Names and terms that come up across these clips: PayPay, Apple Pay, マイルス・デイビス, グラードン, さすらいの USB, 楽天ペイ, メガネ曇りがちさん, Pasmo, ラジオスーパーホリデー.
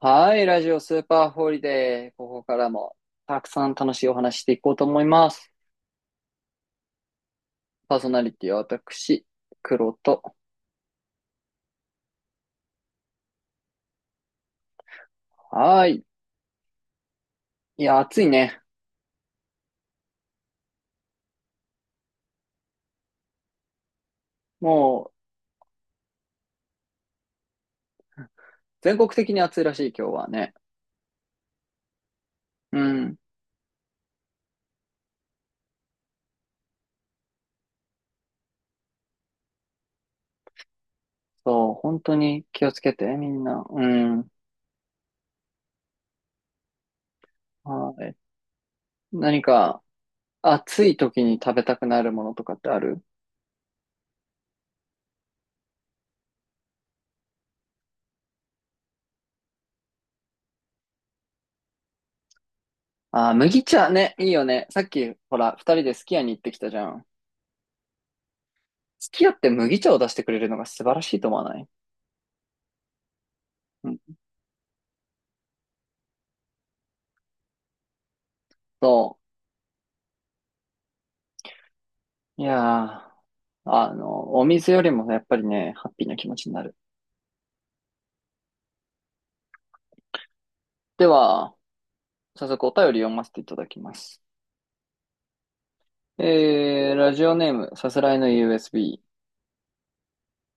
はい、ラジオスーパーホリデー。ここからもたくさん楽しいお話していこうと思います。パーソナリティは私、黒と。はい。いや、暑いね。もう、全国的に暑いらしい、今日はね。うん。そう、本当に気をつけて、みんな。うん。はい。何か、暑い時に食べたくなるものとかってある？あー、麦茶ね、いいよね。さっき、ほら、二人でスキヤに行ってきたじゃん。スキヤって麦茶を出してくれるのが素晴らしいと思わない？うん。そう。いやー、お水よりもやっぱりね、ハッピーな気持ちになる。では、早速お便り読ませていただきます。ラジオネーム、さすらいの USB。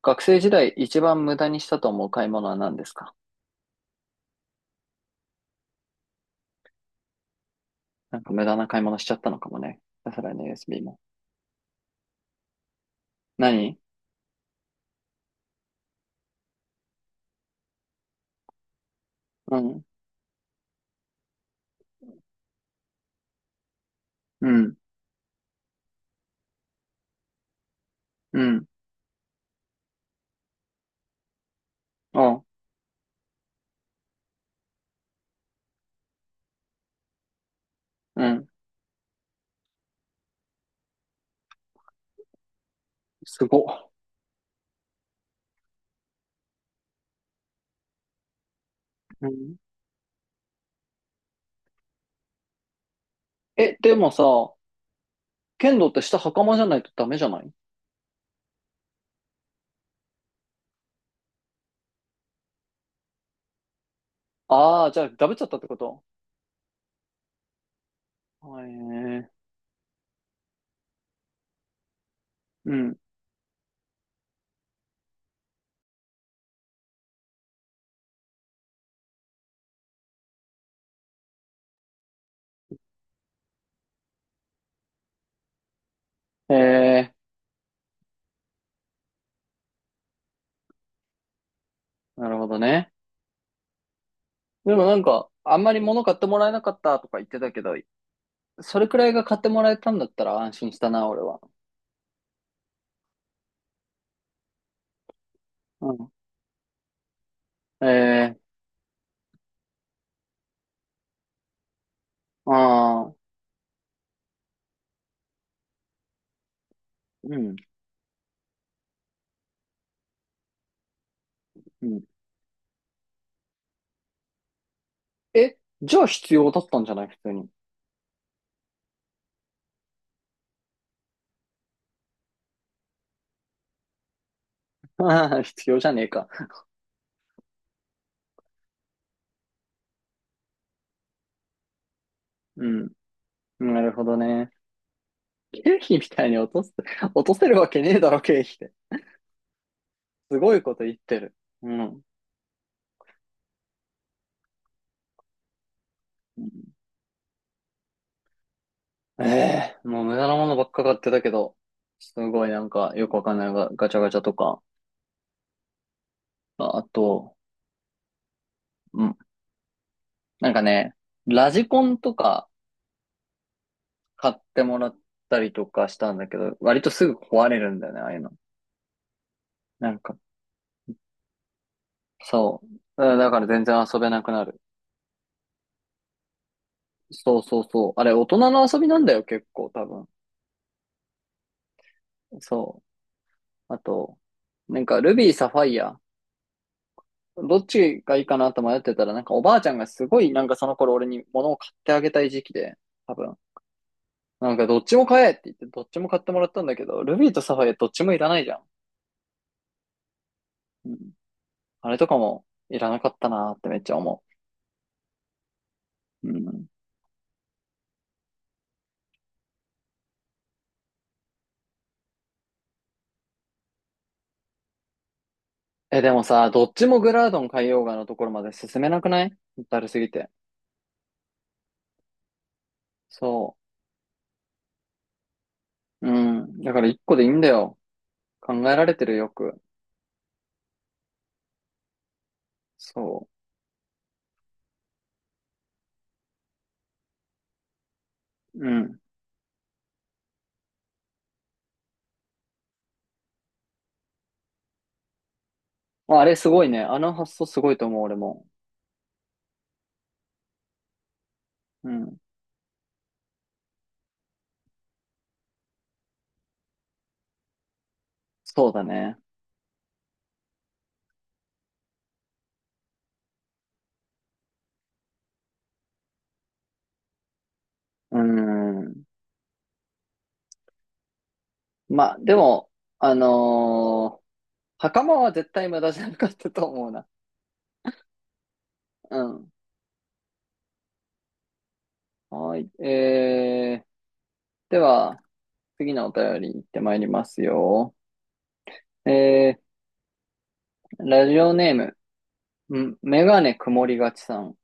学生時代一番無駄にしたと思う買い物は何ですか？なんか無駄な買い物しちゃったのかもね。さすらいの USB も。何？うん。うん。うん。あ、うん。すごっ。うん。え、でもさ、剣道って下袴じゃないとダメじゃない？ああー、じゃあダブっちゃったってこと？はい。へえ。うん。へえー。なるほどね。でもなんか、あんまり物買ってもらえなかったとか言ってたけど、それくらいが買ってもらえたんだったら安心したな、俺は。うん。えああ。うん。うん。え、じゃあ必要だったんじゃない普通に？ああ、必要じゃねえか。うん。なるほどね。経費みたいに落とす、落とせるわけねえだろ、経費って。すごいこと言ってる。うん。ええもう無駄なものばっか買ってたけど、すごいなんかよくわかんないがガチャガチャとか、ああと、うん。なんかね、ラジコンとか買ってもらったりとかしたんだけど、割とすぐ壊れるんだよね、ああいうの。なんか、そう。だから全然遊べなくなる。そうそうそう。あれ、大人の遊びなんだよ、結構、多分。そう。あと、なんか、ルビー、サファイア。どっちがいいかなと迷ってたら、なんかおばあちゃんがすごい、なんかその頃俺に物を買ってあげたい時期で、多分。なんかどっちも買えって言って、どっちも買ってもらったんだけど、ルビーとサファイアどっちもいらないじゃん。あれとかもいらなかったなーってめっちゃ思う。うん。え、でもさ、どっちもグラードン海洋画のところまで進めなくない？だるすぎて。そう。うん。だから一個でいいんだよ。考えられてるよく。そう。うん。まああれすごいね。あの発想すごいと思う、俺も。うん。そうだね。うん。まあ、でも、あのー袴は絶対無駄じゃなかったと思うな。うん。はい。では、次のお便り行ってまいりますよ。えラジオネーム、メガネ曇りがちさん。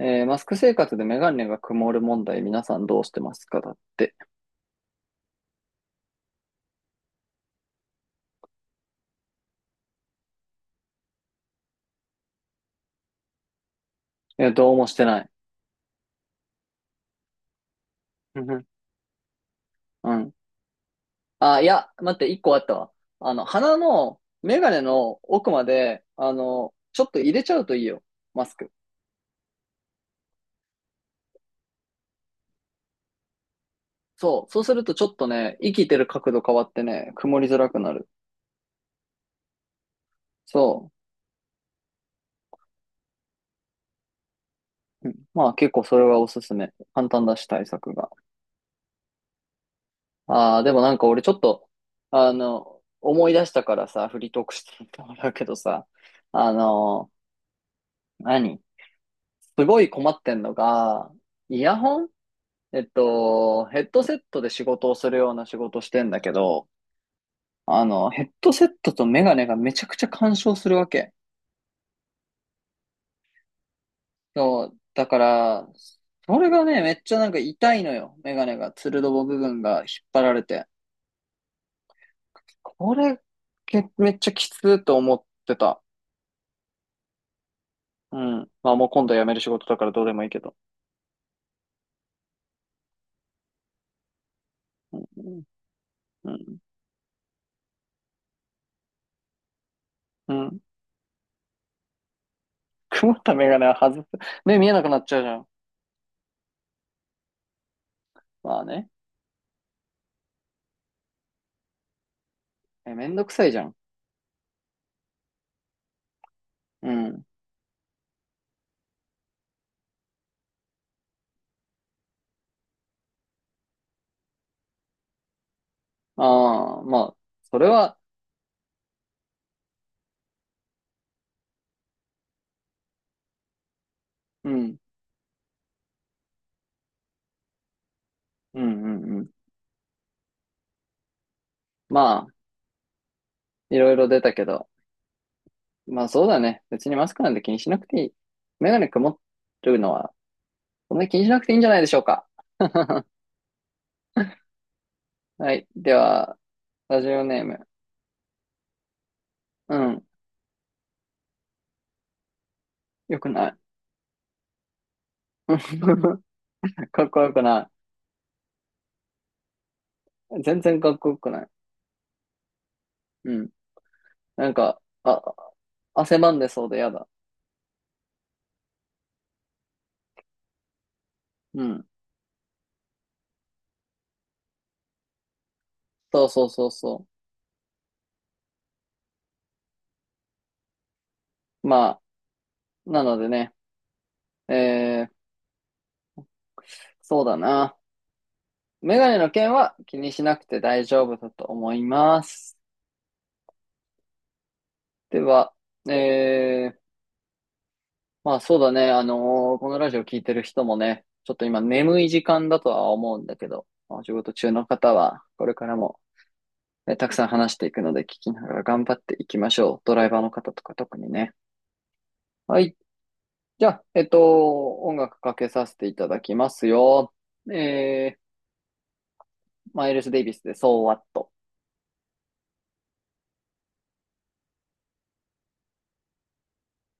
マスク生活でメガネが曇る問題、皆さんどうしてますかだって。いや、どうもしてない。うん。うん。あ、いや、待って、一個あったわ。鼻のメガネの奥まで、ちょっと入れちゃうといいよ。マスク。そう。そうするとちょっとね、生きてる角度変わってね、曇りづらくなる。そう。うん。まあ結構それはおすすめ。簡単だし対策が。ああ、でもなんか俺ちょっと、思い出したからさ、フリートークしてみてもらうけどさ、あの、何すごい困ってんのが、イヤホン、ヘッドセットで仕事をするような仕事してんだけど、ヘッドセットとメガネがめちゃくちゃ干渉するわけ。そう、だから、それがね、めっちゃなんか痛いのよ。メガネが、つるどぼ部分が引っ張られて。これ、めっちゃきつーと思ってた。うん。まあもう今度辞める仕事だからどうでもいいけど。うん。うん。うん。曇ったメガネは外す。目見えなくなっちゃうじゃん。まあね。え、めんどくさいじゃん。うん。ああ、まあ、それは、うん。うん。うん。うん。まあ、いろいろ出たけど。まあそうだね。別にマスクなんて気にしなくていい。メガネ曇るのは、そんなに気にしなくていいんじゃないでしょうか。はい。では、ラジオネーム。うん。よくない。かっこよくない。全然かっこよくない。うん。なんか、あ、汗ばんでそうでやだ。うん。そうそうそうそう。まあ、なのでね、えー、そうだな。メガネの件は気にしなくて大丈夫だと思います。では、えー、まあそうだね。このラジオ聞いてる人もね、ちょっと今眠い時間だとは思うんだけど、まあお仕事中の方はこれからも、ね、たくさん話していくので聞きながら頑張っていきましょう。ドライバーの方とか特にね。はい。じゃあ、音楽かけさせていただきますよ。えー、マイルス・デイビスで、So What?